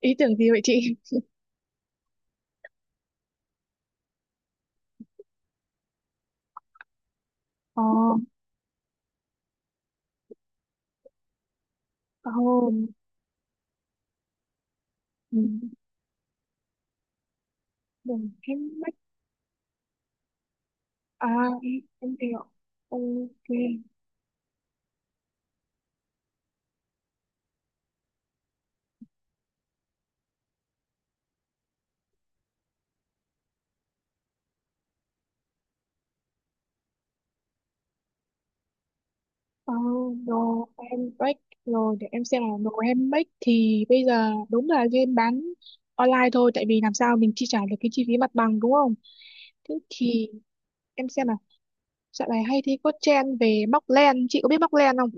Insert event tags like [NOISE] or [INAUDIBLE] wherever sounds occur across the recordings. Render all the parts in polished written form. Ý tưởng gì vậy chị? Ờ. Oh. Ừ. Đừng em bách à? Em hiểu. Ok. Ờ, đồ em bách. Rồi để em xem là đồ em bách thì bây giờ đúng là nên bán online thôi, tại vì làm sao mình chi trả được cái chi phí mặt bằng, đúng không? Thế thì em xem nào. Dạo này hay thấy có trend về móc len, chị có biết móc len không?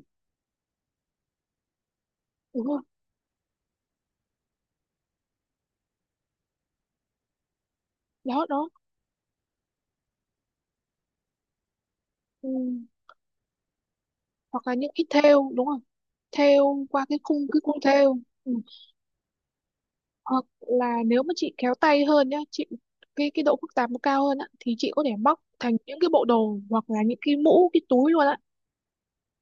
Đúng không? Đó đó. Ừ. Hoặc là những cái thêu, đúng không? Thêu qua cái khung thêu. Ừ. Ờ, là nếu mà chị khéo tay hơn nhá chị, cái độ phức tạp nó cao hơn á thì chị có thể móc thành những cái bộ đồ hoặc là những cái mũ, cái túi luôn á.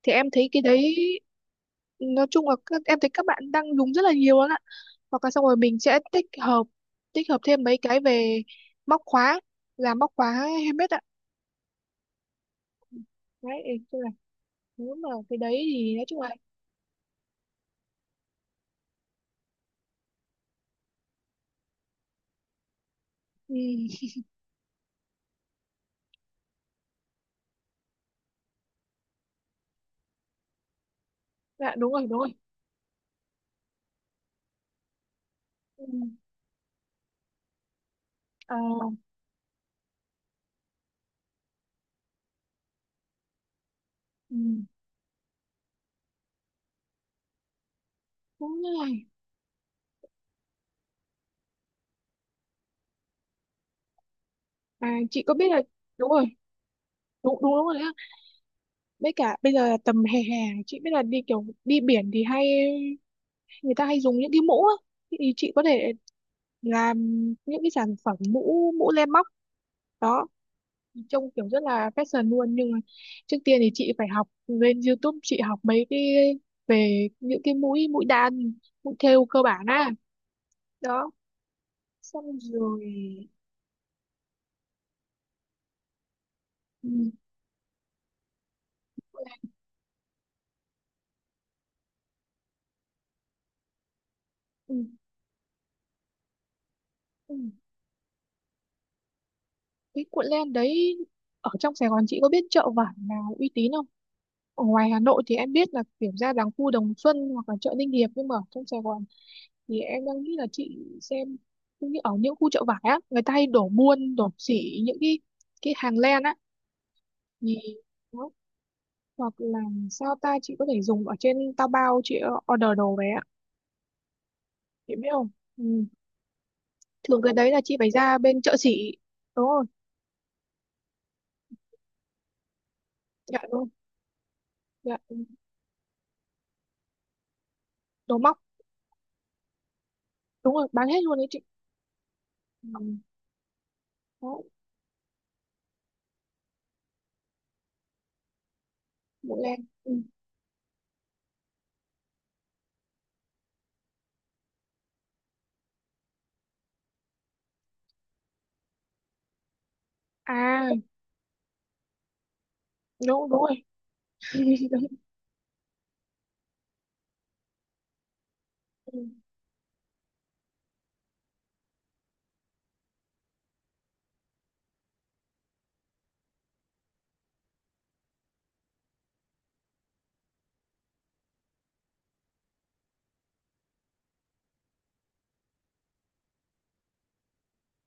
Thì em thấy cái đấy, nói chung là các, em thấy các bạn đang dùng rất là nhiều luôn á. Hoặc là xong rồi mình sẽ tích hợp, thêm mấy cái về móc khóa, làm móc khóa handmade ạ. Đấy ý là, nếu mà cái đấy thì nói chung là... Ừ. Dạ đúng rồi, đúng rồi. Ừ. Ờ. Ừ. Đúng rồi. À, chị có biết là đúng rồi. Đúng đúng, đúng rồi đấy. Với cả bây giờ là tầm hè, chị biết là đi kiểu đi biển thì hay người ta hay dùng những cái mũ á, thì chị có thể làm những cái sản phẩm mũ mũ len móc. Đó. Trông kiểu rất là fashion luôn, nhưng mà trước tiên thì chị phải học lên YouTube chị học mấy cái về những cái mũi mũi đan, mũi thêu cơ bản á. Đó, xong rồi. Ừ. Ừ. Ừ. Cái cuộn len đấy, ở trong Sài Gòn chị có biết chợ vải nào uy tín không? Ở ngoài Hà Nội thì em biết là kiểu ra làng khu Đồng Xuân hoặc là chợ Ninh Hiệp, nhưng mà ở trong Sài Gòn thì em đang nghĩ là chị xem, cũng như ở những khu chợ vải á người ta hay đổ buôn đổ xỉ những cái hàng len á, thì đó. Hoặc là sao ta, chị có thể dùng ở trên Taobao, chị order đồ về á, chị biết không? Ừ. Thường cái đấy là chị phải ra bên chợ xỉ. Đúng rồi. Dạ đúng. Dạ. Đồ móc. Đúng rồi, bán hết luôn đấy chị. Ừ. Đó. Bộ len. Ừ. À đúng, đúng rồi. [LAUGHS] Đúng.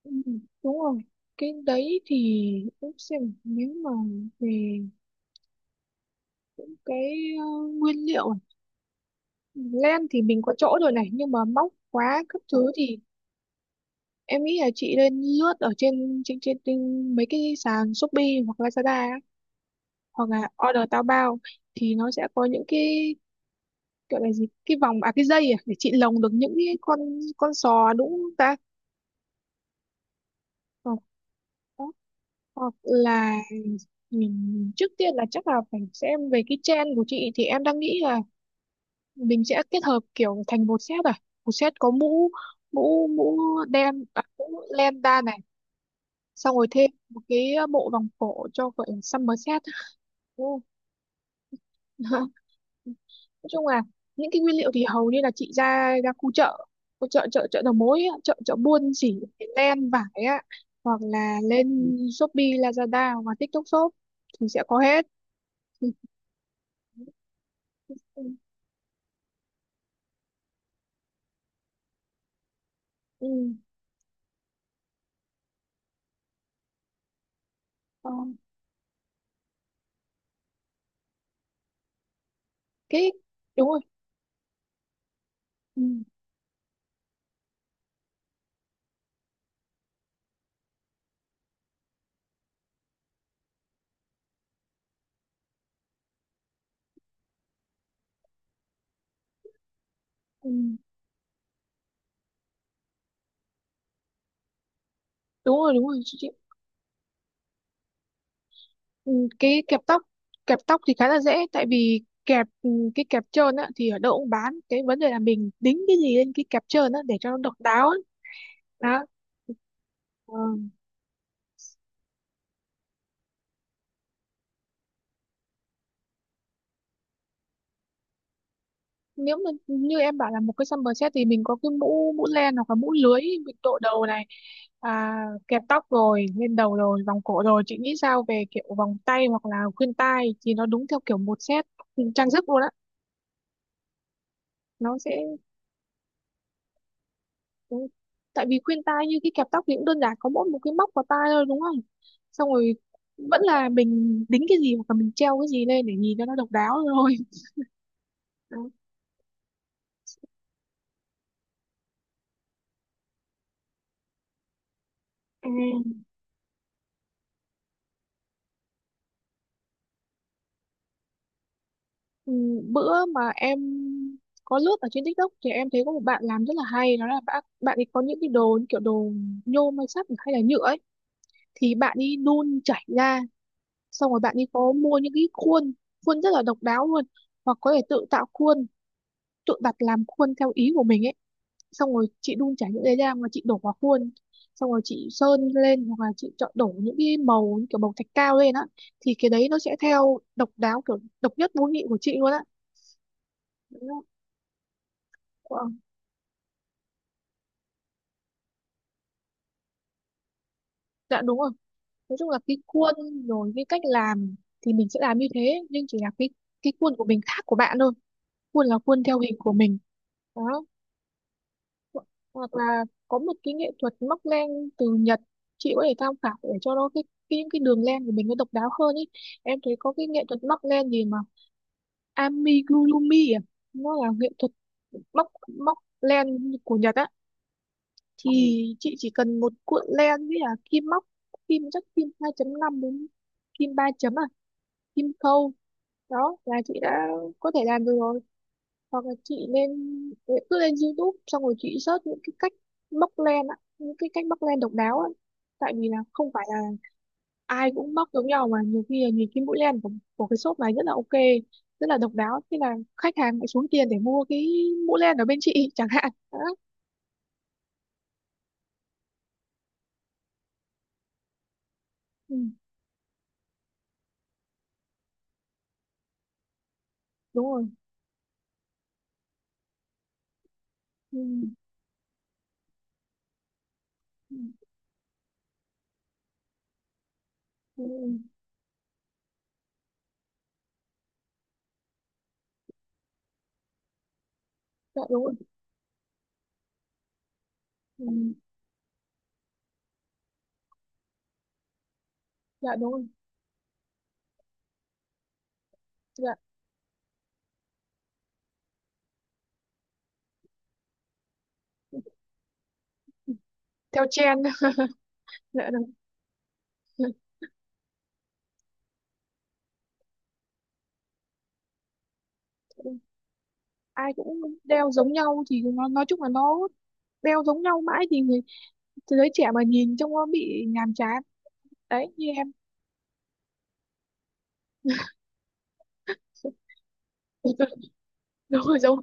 Ừ, đúng rồi. Cái đấy thì để xem nếu mà về cái, ờ, nguyên liệu này. Len thì mình có chỗ rồi này, nhưng mà móc khóa các thứ thì em nghĩ là chị nên lướt ở trên mấy cái sàn Shopee hoặc Lazada á, hoặc là order Taobao, thì nó sẽ có những cái, gọi là gì, cái vòng à cái dây à, để chị lồng được những cái con sò, đúng không ta? Ờ. Đó. Hoặc là, mình trước tiên là chắc là phải xem về cái trend của chị, thì em đang nghĩ là mình sẽ kết hợp kiểu thành một set, à một set có mũ, mũ mũ đen à, mũ len da này, xong rồi thêm một cái bộ vòng cổ cho gọi là summer set. Ồ. [LAUGHS] Nói chung là những cái nguyên liệu thì hầu như là chị ra ra khu chợ chợ chợ đầu mối á, chợ chợ buôn chỉ cái len vải á, hoặc là lên Shopee Lazada hoặc là TikTok Shop thì sẽ có hết. [LAUGHS] Ừ. Ờ, cái. Đúng rồi. Ừ. Ừ, đúng rồi, đúng rồi chị. Ừ, cái kẹp tóc. Kẹp tóc thì khá là dễ, tại vì kẹp, ừ, cái kẹp trơn á thì ở đâu cũng bán, cái vấn đề là mình đính cái gì lên cái kẹp trơn á để cho nó độc đáo ấy. Đó. Ờ, nếu mà như em bảo là một cái summer set thì mình có cái mũ mũ len hoặc là mũ lưới mình đội đầu này, à, kẹp tóc rồi lên đầu rồi vòng cổ, rồi chị nghĩ sao về kiểu vòng tay hoặc là khuyên tai thì nó đúng theo kiểu một set trang sức luôn á, nó sẽ... Ừ. Tại vì khuyên tai như cái kẹp tóc thì cũng đơn giản, có mỗi một cái móc vào tai thôi, đúng không? Xong rồi vẫn là mình đính cái gì hoặc là mình treo cái gì lên để nhìn cho nó độc đáo thôi. [LAUGHS] Đó. À. Ừ, bữa mà em có lướt ở trên TikTok thì em thấy có một bạn làm rất là hay, đó là bạn bạn ấy có những cái đồ như kiểu đồ nhôm hay sắt hay là nhựa ấy, thì bạn ấy đun chảy ra, xong rồi bạn ấy có mua những cái khuôn khuôn rất là độc đáo luôn, hoặc có thể tự tạo khuôn, tự đặt làm khuôn theo ý của mình ấy, xong rồi chị đun chả những cái ra mà chị đổ vào khuôn, xong rồi chị sơn lên hoặc là chị chọn đổ những cái màu như kiểu màu thạch cao lên á, thì cái đấy nó sẽ theo độc đáo kiểu độc nhất vô nhị của chị luôn á, đúng không? Ờ. Dạ đúng rồi. Nói chung là cái khuôn rồi cái cách làm thì mình sẽ làm như thế, nhưng chỉ là cái khuôn của mình khác của bạn thôi, khuôn là khuôn theo hình của mình. Đó. Ho- hoặc là có một cái nghệ thuật móc len từ Nhật, chị có thể tham khảo để cho nó cái những cái đường len của mình nó độc đáo hơn ý. Em thấy có cái nghệ thuật móc len gì mà amigurumi à, nó là nghệ thuật móc móc len của Nhật á, thì chị chỉ cần một cuộn len với là kim móc, kim chắc kim 2,5 đến kim 3 chấm à, kim khâu đó là chị đã có thể làm được rồi. Hoặc là chị nên cứ lên YouTube xong rồi chị search những cái cách móc len á, những cái cách móc len độc đáo á, tại vì là không phải là ai cũng móc giống nhau, mà nhiều khi là nhìn cái mũi len của cái shop này rất là ok, rất là độc đáo, thế là khách hàng lại xuống tiền để mua cái mũi len ở bên chị [LAUGHS] chẳng hạn đó. Ừ, đúng rồi. Ừ, ừ, ừ, ừ. Dạ đúng rồi. Ừ, dạ đúng rồi. Dạ. Theo trend. [LAUGHS] Dạ đúng. Ai cũng đeo giống nhau thì nó nói chung là nó đeo giống nhau mãi thì người, thế giới trẻ mà nhìn trông nó bị nhàm chán. Đấy như em... [LAUGHS] Đúng rồi, đúng.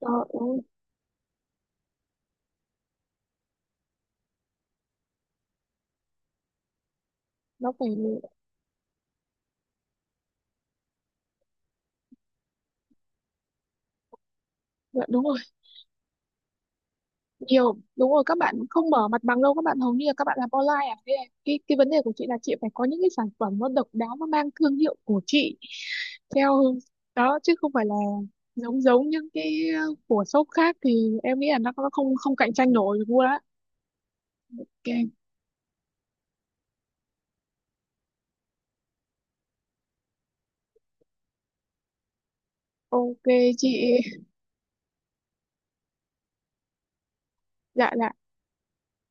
Đó, đúng rồi. Nó phải. Dạ, đúng rồi. Nhiều, đúng rồi, các bạn không mở mặt bằng đâu, các bạn hầu như là các bạn làm online à, thế là cái vấn đề của chị là chị phải có những cái sản phẩm nó độc đáo, nó mang thương hiệu của chị, theo đó, chứ không phải là giống giống những cái, ờ, của shop khác, thì em nghĩ là nó không không cạnh tranh nổi được luôn á. Ok. Ok chị. Dạ dạ.